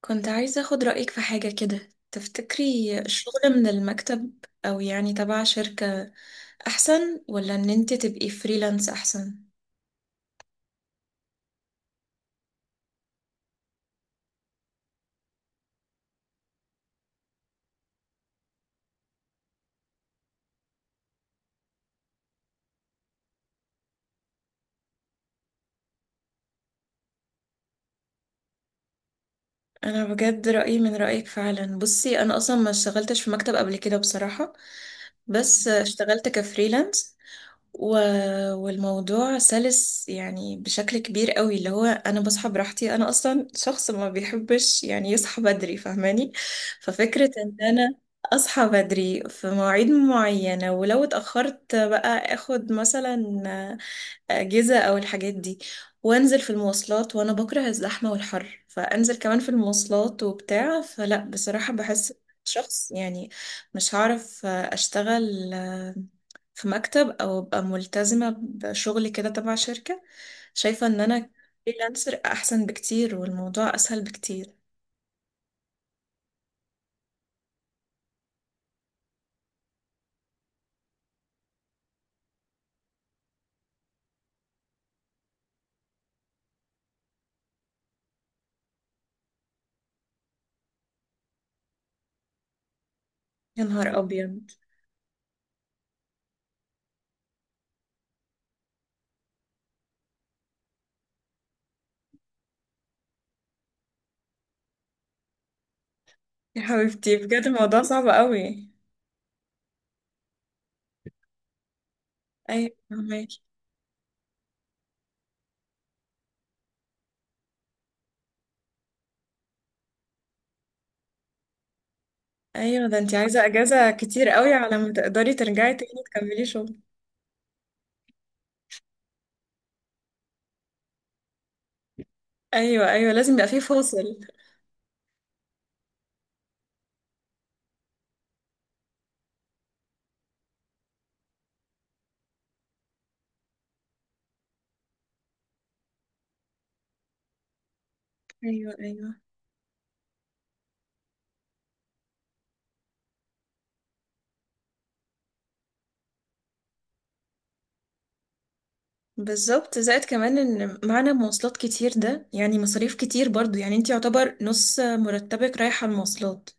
كنت عايزة أخد رأيك في حاجة كده، تفتكري الشغل من المكتب أو يعني تبع شركة أحسن، ولا إن أنت تبقي فريلانس أحسن؟ أنا بجد رأيي من رأيك فعلا. بصي أنا أصلا ما اشتغلتش في مكتب قبل كده بصراحة، بس اشتغلت كفريلانس و... والموضوع سلس بشكل كبير قوي، اللي هو انا بصحى براحتي، انا اصلا شخص ما بيحبش يصحى بدري، فاهماني؟ ففكرة ان انا اصحى بدري في مواعيد معينة، ولو اتأخرت بقى اخد مثلا أجهزة أو الحاجات دي، وأنزل في المواصلات، وأنا بكره الزحمة والحر، فأنزل كمان في المواصلات وبتاع، فلا بصراحة بحس شخص يعني مش هعرف أشتغل في مكتب أو أبقى ملتزمة بشغل كده تبع شركة. شايفة إن أنا فريلانسر أحسن بكتير، والموضوع أسهل بكتير. يا نهار أبيض، يا حبيبتي بجد الموضوع صعب قوي. أيوة فهماكي. أيوة، ده أنت عايزة أجازة كتير قوي على ما تقدري ترجعي تاني تكملي شغل. ايوه ايوه، لازم يبقى فيه فاصل. ايوه ايوه بالظبط، زائد كمان ان معنا مواصلات كتير، ده يعني مصاريف كتير برضو، يعني انت يعتبر نص مرتبك رايح على المواصلات.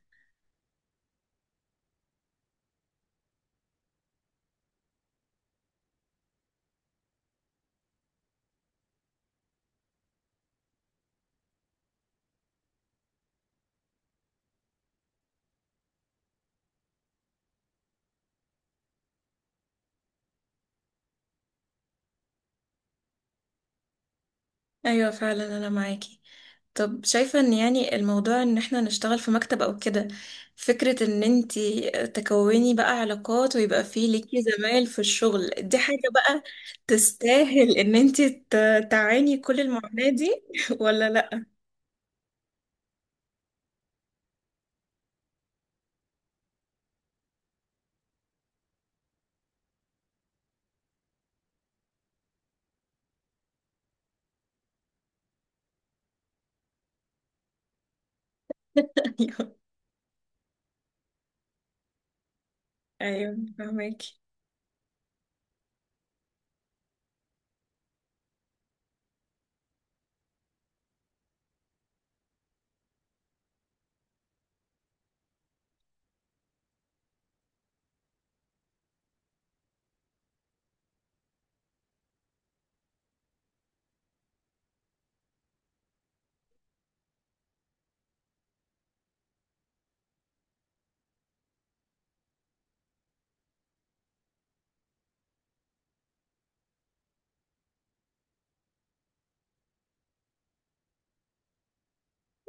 ايوه فعلا انا معاكي. طب شايفة ان يعني الموضوع ان احنا نشتغل في مكتب او كده، فكرة ان انت تكوني بقى علاقات ويبقى فيه ليكي زمايل في الشغل، دي حاجة بقى تستاهل ان انت تعاني كل المعاناة دي؟ ولا لا؟ ايوه ايوه فهمك.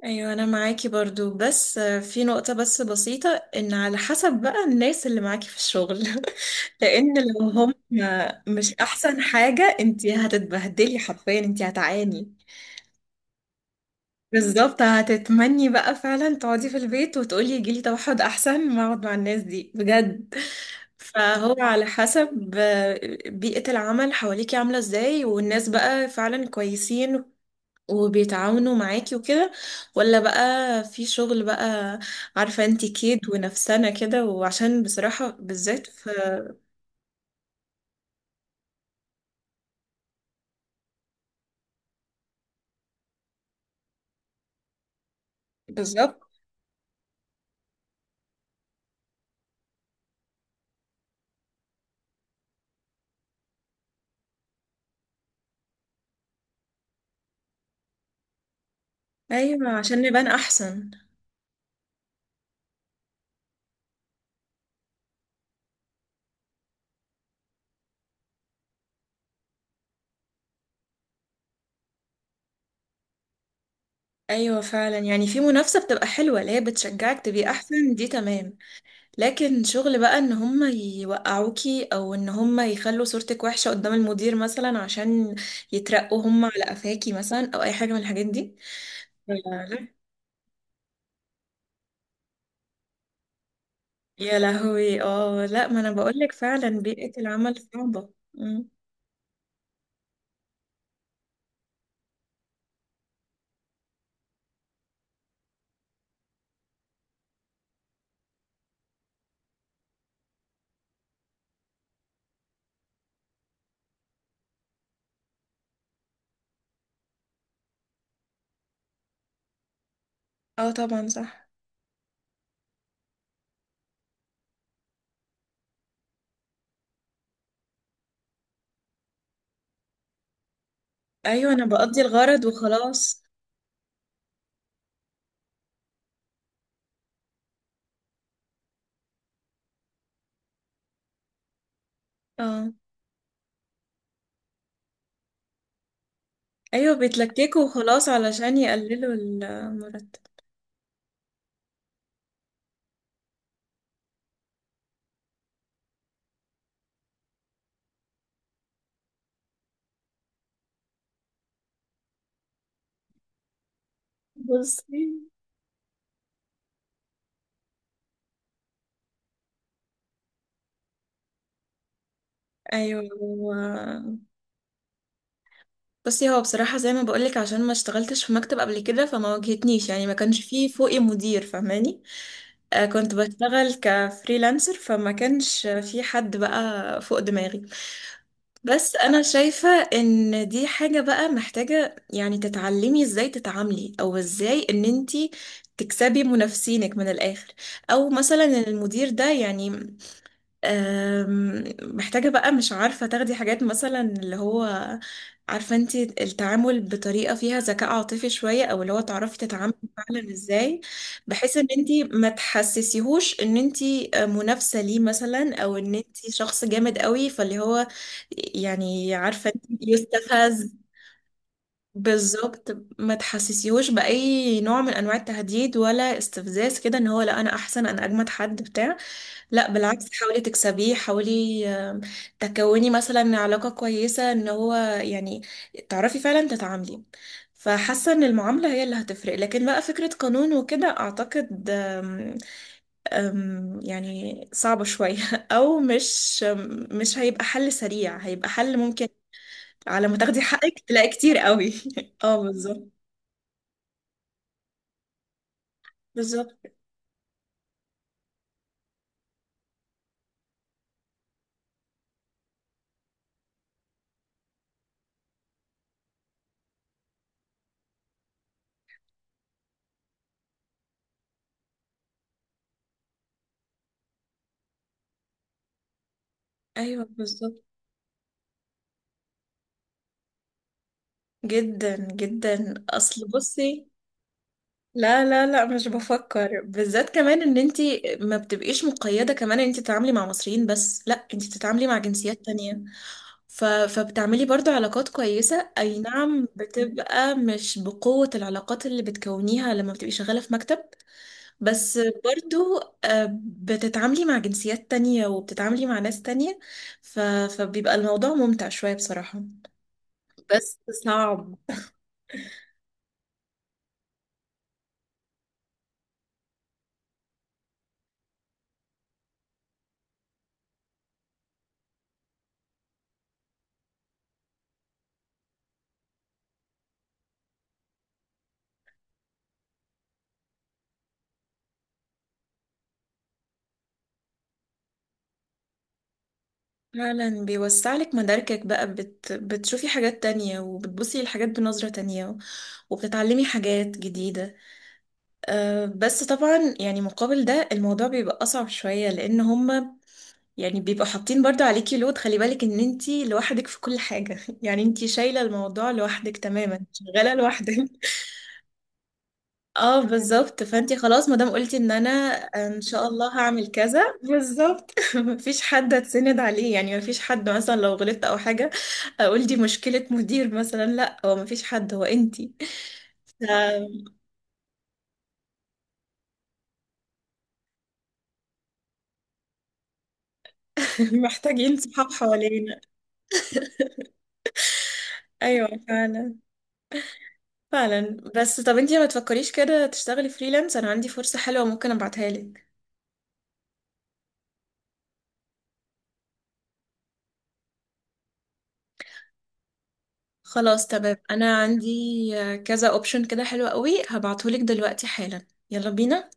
ايوه انا معاكي برضو، بس في نقطة بس بسيطة، ان على حسب بقى الناس اللي معاكي في الشغل. لان لو هم مش احسن حاجة انتي هتتبهدلي حرفيا، انتي هتعاني. بالظبط، هتتمني بقى فعلا تقعدي في البيت وتقولي يجيلي توحد احسن ما اقعد مع الناس دي بجد. فهو على حسب بيئة العمل حواليكي عاملة ازاي، والناس بقى فعلا كويسين وبيتعاونوا معاكي وكده، ولا بقى في شغل بقى، عارفة انتي كيد ونفسنا كده. وعشان بصراحة بالذات في، بالظبط. ايوه عشان نبان احسن. ايوه فعلا، يعني في منافسة بتبقى حلوة اللي هي بتشجعك تبقي احسن، دي تمام. لكن شغل بقى ان هم يوقعوكي، او ان هم يخلوا صورتك وحشة قدام المدير مثلا عشان يترقوا هم على قفاكي مثلا، او اي حاجة من الحاجات دي، يا لهوي. اه لا، ما انا بقولك فعلا بيئة العمل صعبة. اه طبعا صح. ايوه انا بقضي الغرض وخلاص. اه ايوه بيتلككوا وخلاص علشان يقللوا المرتب. بصي، ايوه هو، بصي هو بصراحة زي ما بقولك، عشان ما اشتغلتش في مكتب قبل كده فما واجهتنيش، يعني ما كانش فيه فوقي مدير فاهماني. آه كنت بشتغل كفريلانسر، فما كانش في حد بقى فوق دماغي. بس انا شايفة ان دي حاجة بقى محتاجة يعني تتعلمي ازاي تتعاملي، او ازاي ان انتي تكسبي منافسينك من الاخر، او مثلا المدير ده يعني محتاجة بقى، مش عارفة، تاخدي حاجات مثلا اللي هو، عارفة انتي التعامل بطريقة فيها ذكاء عاطفي شوية، او اللي هو تعرفي تتعاملي فعلا ازاي، بحيث ان انتي ما تحسسيهوش ان انتي منافسة ليه مثلا، او ان انتي شخص جامد قوي، فاللي هو يعني عارفة انتي يستفز. بالظبط، ما تحسسيهوش بأي نوع من انواع التهديد ولا استفزاز كده، ان هو لا انا احسن، انا اجمد حد بتاع. لا بالعكس، حاولي تكسبيه، حاولي تكوني مثلا علاقة كويسة، ان هو يعني تعرفي فعلا تتعاملي. فحاسة ان المعاملة هي اللي هتفرق، لكن بقى فكرة قانون وكده اعتقد آم، آم، يعني صعبة شوية. او مش مش هيبقى حل سريع، هيبقى حل ممكن على ما تاخدي حقك تلاقي كتير قوي. اه بالظبط. بالظبط ايوه بالظبط. جدا جدا، اصل بصي، لا لا لا مش بفكر، بالذات كمان ان انتي ما بتبقيش مقيدة، كمان ان انتي تتعاملي مع مصريين بس، لا انتي بتتعاملي مع جنسيات تانية فبتعملي برضو علاقات كويسة، اي نعم بتبقى مش بقوة العلاقات اللي بتكونيها لما بتبقي شغالة في مكتب، بس برضو بتتعاملي مع جنسيات تانية وبتتعاملي مع ناس تانية ف... فبيبقى الموضوع ممتع شوية بصراحة، بس صعب. فعلا بيوسع لك مداركك بقى، بتشوفي حاجات تانية، وبتبصي للحاجات بنظرة تانية، وبتتعلمي حاجات جديدة. أه بس طبعا يعني مقابل ده الموضوع بيبقى أصعب شوية، لأن هما يعني بيبقوا حاطين برضو عليكي لود، خلي بالك إن انتي لوحدك في كل حاجة. يعني انتي شايلة الموضوع لوحدك تماما، شغالة لوحدك. اه بالظبط، فانتي خلاص ما دام قلتي ان انا ان شاء الله هعمل كذا، بالظبط. مفيش حد هتسند عليه، يعني مفيش حد مثلا لو غلطت او حاجه اقول دي مشكله مدير مثلا، لا هو مفيش حد، هو انتي. محتاجين صحاب حوالينا. ايوه فعلا فعلا. بس طب انتي ما تفكريش كده تشتغلي فريلانس؟ انا عندي فرصه حلوه ممكن ابعتها لك. خلاص تمام، انا عندي كذا اوبشن كده حلو قوي، هبعتهولك دلوقتي حالا، يلا بينا.